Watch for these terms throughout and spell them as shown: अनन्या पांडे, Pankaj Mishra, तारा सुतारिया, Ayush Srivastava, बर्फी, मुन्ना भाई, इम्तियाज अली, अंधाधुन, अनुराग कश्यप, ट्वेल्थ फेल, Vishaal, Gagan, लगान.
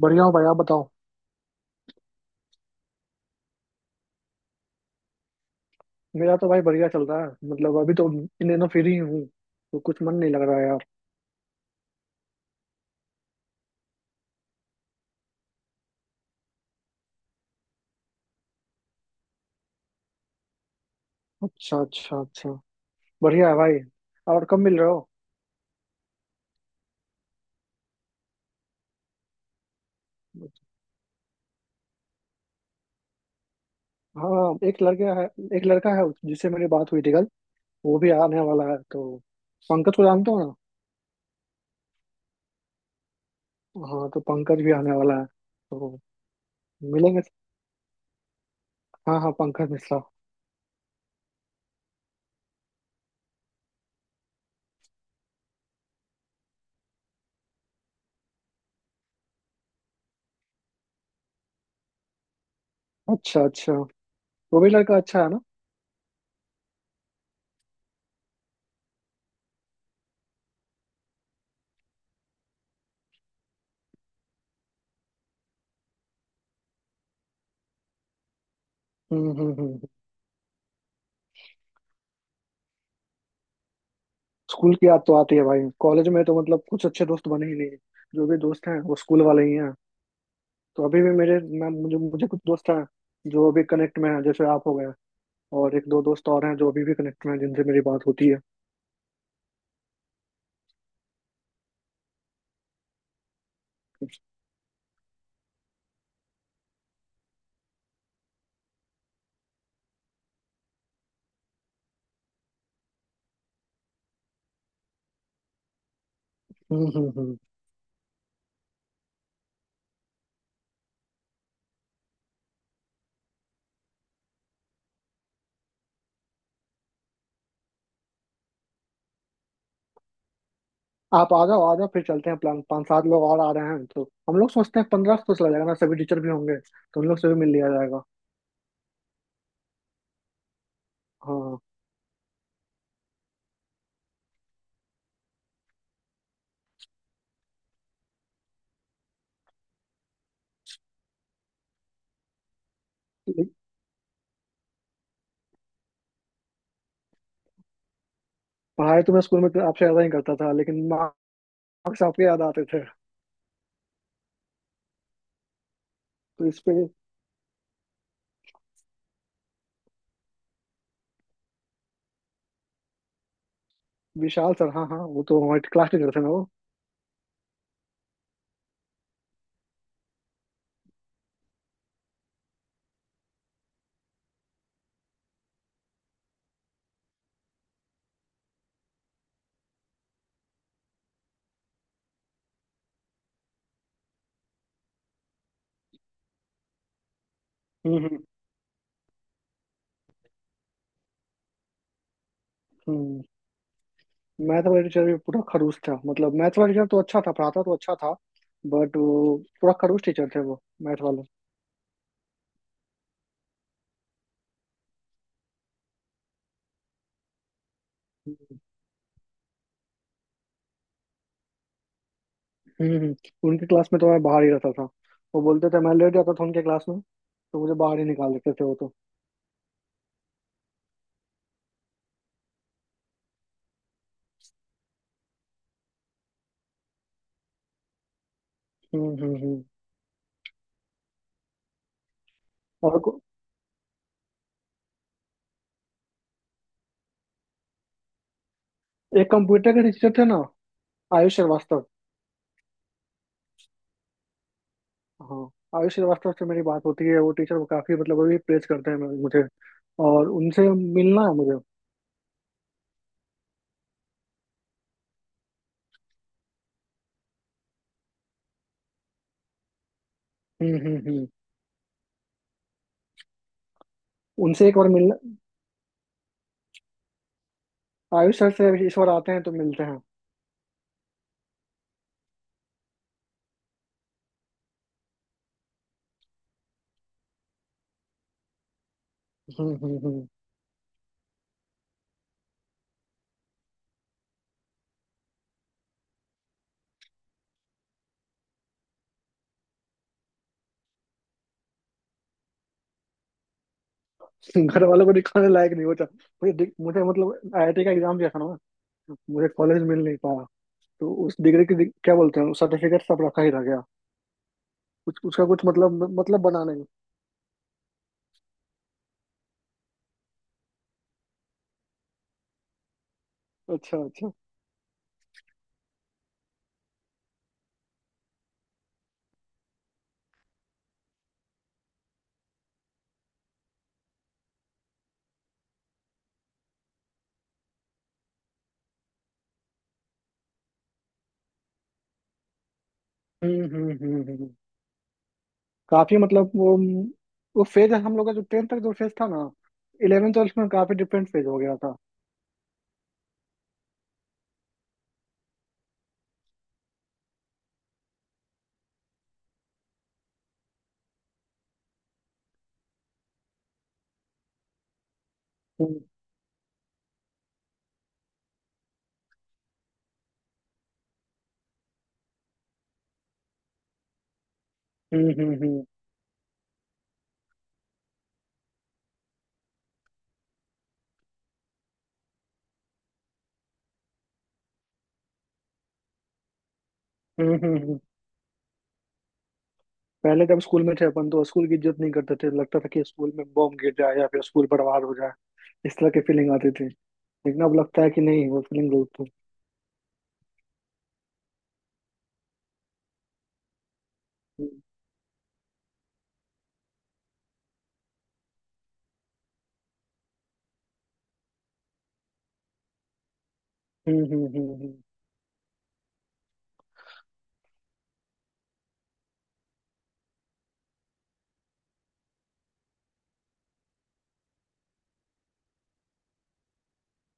बढ़िया हो भाई, आप बताओ। मेरा तो भाई बढ़िया चल रहा है, मतलब अभी तो इन दिनों फ्री ही हूँ, तो कुछ मन नहीं लग रहा है यार। अच्छा अच्छा अच्छा। बढ़िया है भाई। और कब मिल रहे हो? हाँ, एक लड़का है, एक लड़का है जिससे मेरी बात हुई थी कल। वो भी आने वाला है तो। पंकज को जानते हो ना? हाँ, तो पंकज भी आने वाला है तो मिलेंगे। हाँ हाँ, पंकज मिश्रा। अच्छा अच्छा। वो भी लड़का अच्छा है ना? हम्म। स्कूल की याद तो आती है भाई, कॉलेज में तो मतलब कुछ अच्छे दोस्त बने ही नहीं। जो भी दोस्त हैं वो स्कूल वाले ही हैं। तो अभी भी मेरे मैं मुझे मुझे कुछ दोस्त हैं जो अभी कनेक्ट में हैं, जैसे आप हो गए। और एक दो दोस्त और हैं जो अभी भी कनेक्ट में हैं जिनसे मेरी बात होती है। हम्म हम्म हम्म। आप आ जाओ आ जाओ, फिर चलते हैं प्लान, पाँच सात लोग और आ रहे हैं तो हम लोग सोचते हैं 15 को चला जाएगा ना, सभी टीचर भी होंगे तो उन लोग से भी मिल लिया जाएगा। हाँ। ले- पढ़ाई तो मैं स्कूल में तो आपसे ज्यादा ही करता था, लेकिन मार्क्स आपके याद आते थे। तो इस पे। विशाल सर, हाँ हाँ, वो तो हमारे क्लास टीचर थे ना वो। हम्म हम्म हम्म। मैथ वाला टीचर भी पूरा खड़ूस था, मतलब मैथ वाला टीचर तो अच्छा था, पढ़ाता तो अच्छा था, बट वो पूरा खड़ूस टीचर थे वो मैथ वाले। हम्म हम्म। उनके क्लास में तो मैं बाहर ही रहता था, वो बोलते थे। मैं लेट जाता था उनके क्लास में तो मुझे बाहर ही निकाल देते थे वो तो। हम्म हम्म हम्म। और को- एक कंप्यूटर के टीचर थे ना, आयुष श्रीवास्तव। हाँ। आयुष श्रीवास्तव से मेरी बात होती है, वो टीचर काफी मतलब अभी प्रेज करते हैं मुझे, और उनसे मिलना है मुझे। हम्म। उनसे एक बार मिलना, आयुष सर से इस बार आते हैं तो मिलते हैं। हम्म हम्म हम्म। घर वालों को दिखाने लायक नहीं होता। मुझे मतलब आईआईटी का एग्जाम दिया था ना। मुझे कॉलेज मिल नहीं पाया। तो उस डिग्री की क्या बोलते हैं, सर्टिफिकेट सब रखा ही रह गया। कुछ उसका कुछ मतलब बना नहीं। अच्छा अच्छा। हम्म हम्म हम्म हम्म। काफी मतलब वो फेज हम लोग का जो टेंथ तक जो फेज था ना, इलेवेंथ ट्वेल्थ में काफी डिफरेंट फेज हो गया था। हम्म हम्म हम्म हम्म हम्म, हम्म, हम्म। पहले जब स्कूल में थे अपन तो स्कूल की इज्जत नहीं करते थे, लगता था कि स्कूल में बॉम्ब गिर जाए या फिर स्कूल बर्बाद हो जाए, इस तरह की फीलिंग आती। लेकिन अब लगता है कि नहीं, वो फीलिंग गलत थी। हम्म हम्म हम्म हम्म।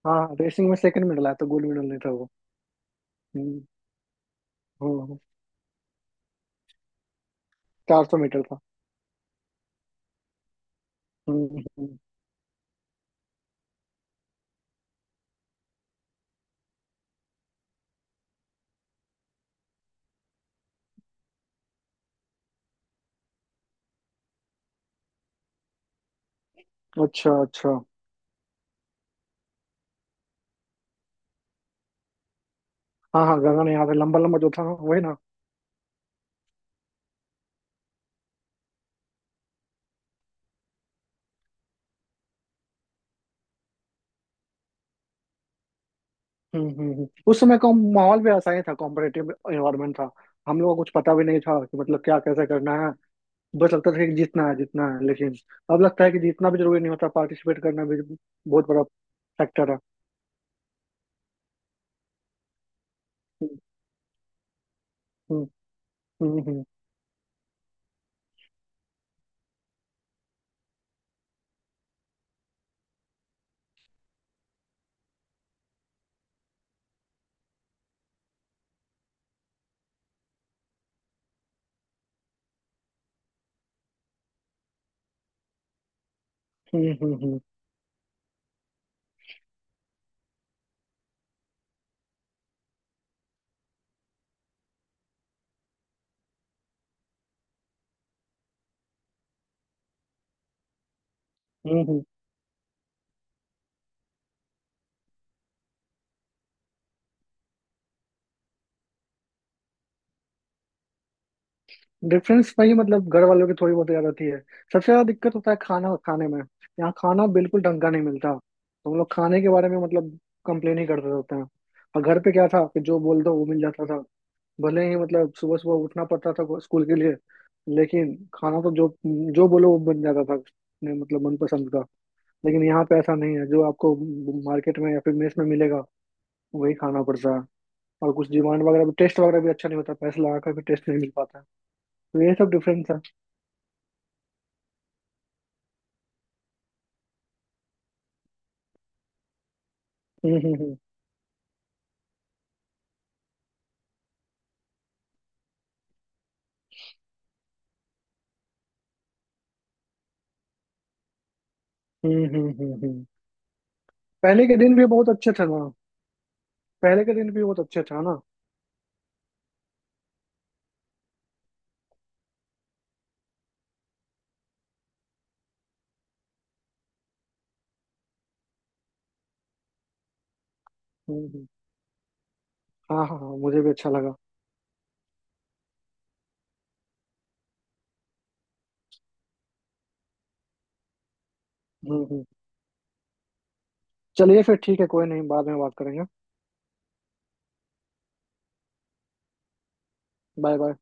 हाँ, रेसिंग में सेकंड मेडल आया था, गोल्ड मेडल नहीं था वो। हम्म हम्म। 400 मीटर था। हम्म। अच्छा अच्छा। हाँ हाँ, गगन याद है, लंबा लंबा जो था वही ना। उस समय का माहौल भी ऐसा ही था, कॉम्पिटेटिव एनवायरमेंट था। हम लोगों को कुछ पता भी नहीं था कि मतलब क्या कैसे करना है, बस लगता था कि जीतना है जीतना है। लेकिन अब लगता है कि जीतना भी जरूरी नहीं होता, पार्टिसिपेट करना भी बहुत बड़ा फैक्टर है। हम्म हम्म हम्म हम्म हम्म हम्म हम्म। डिफरेंस वही मतलब घर वालों की थोड़ी बहुत ज्यादा होती है। सबसे ज्यादा दिक्कत होता है खाना खाने में, यहाँ खाना बिल्कुल ढंग का नहीं मिलता, तो हम लोग खाने के बारे में मतलब कंप्लेन ही करते रहते हैं। और घर पे क्या था कि जो बोल दो वो मिल जाता था, भले ही मतलब सुबह सुबह उठना पड़ता था स्कूल के लिए, लेकिन खाना तो जो जो बोलो वो बन जाता था अपने मतलब मनपसंद का। लेकिन यहाँ पे ऐसा नहीं है, जो आपको मार्केट में या फिर मेस में मिलेगा वही खाना पड़ता है। और कुछ डिमांड वगैरह भी, टेस्ट वगैरह भी अच्छा नहीं होता, पैसे लगा कर भी टेस्ट नहीं मिल पाता है। तो ये सब डिफरेंस है। हम्म हम्म हम्म। पहले के दिन भी बहुत अच्छे थे ना? पहले के दिन भी बहुत अच्छे थे ना? हम्म हम्म। हाँ हाँ हाँ, मुझे भी अच्छा लगा। हम्म। चलिए फिर ठीक है, कोई नहीं, बाद में बात करेंगे। Bye bye.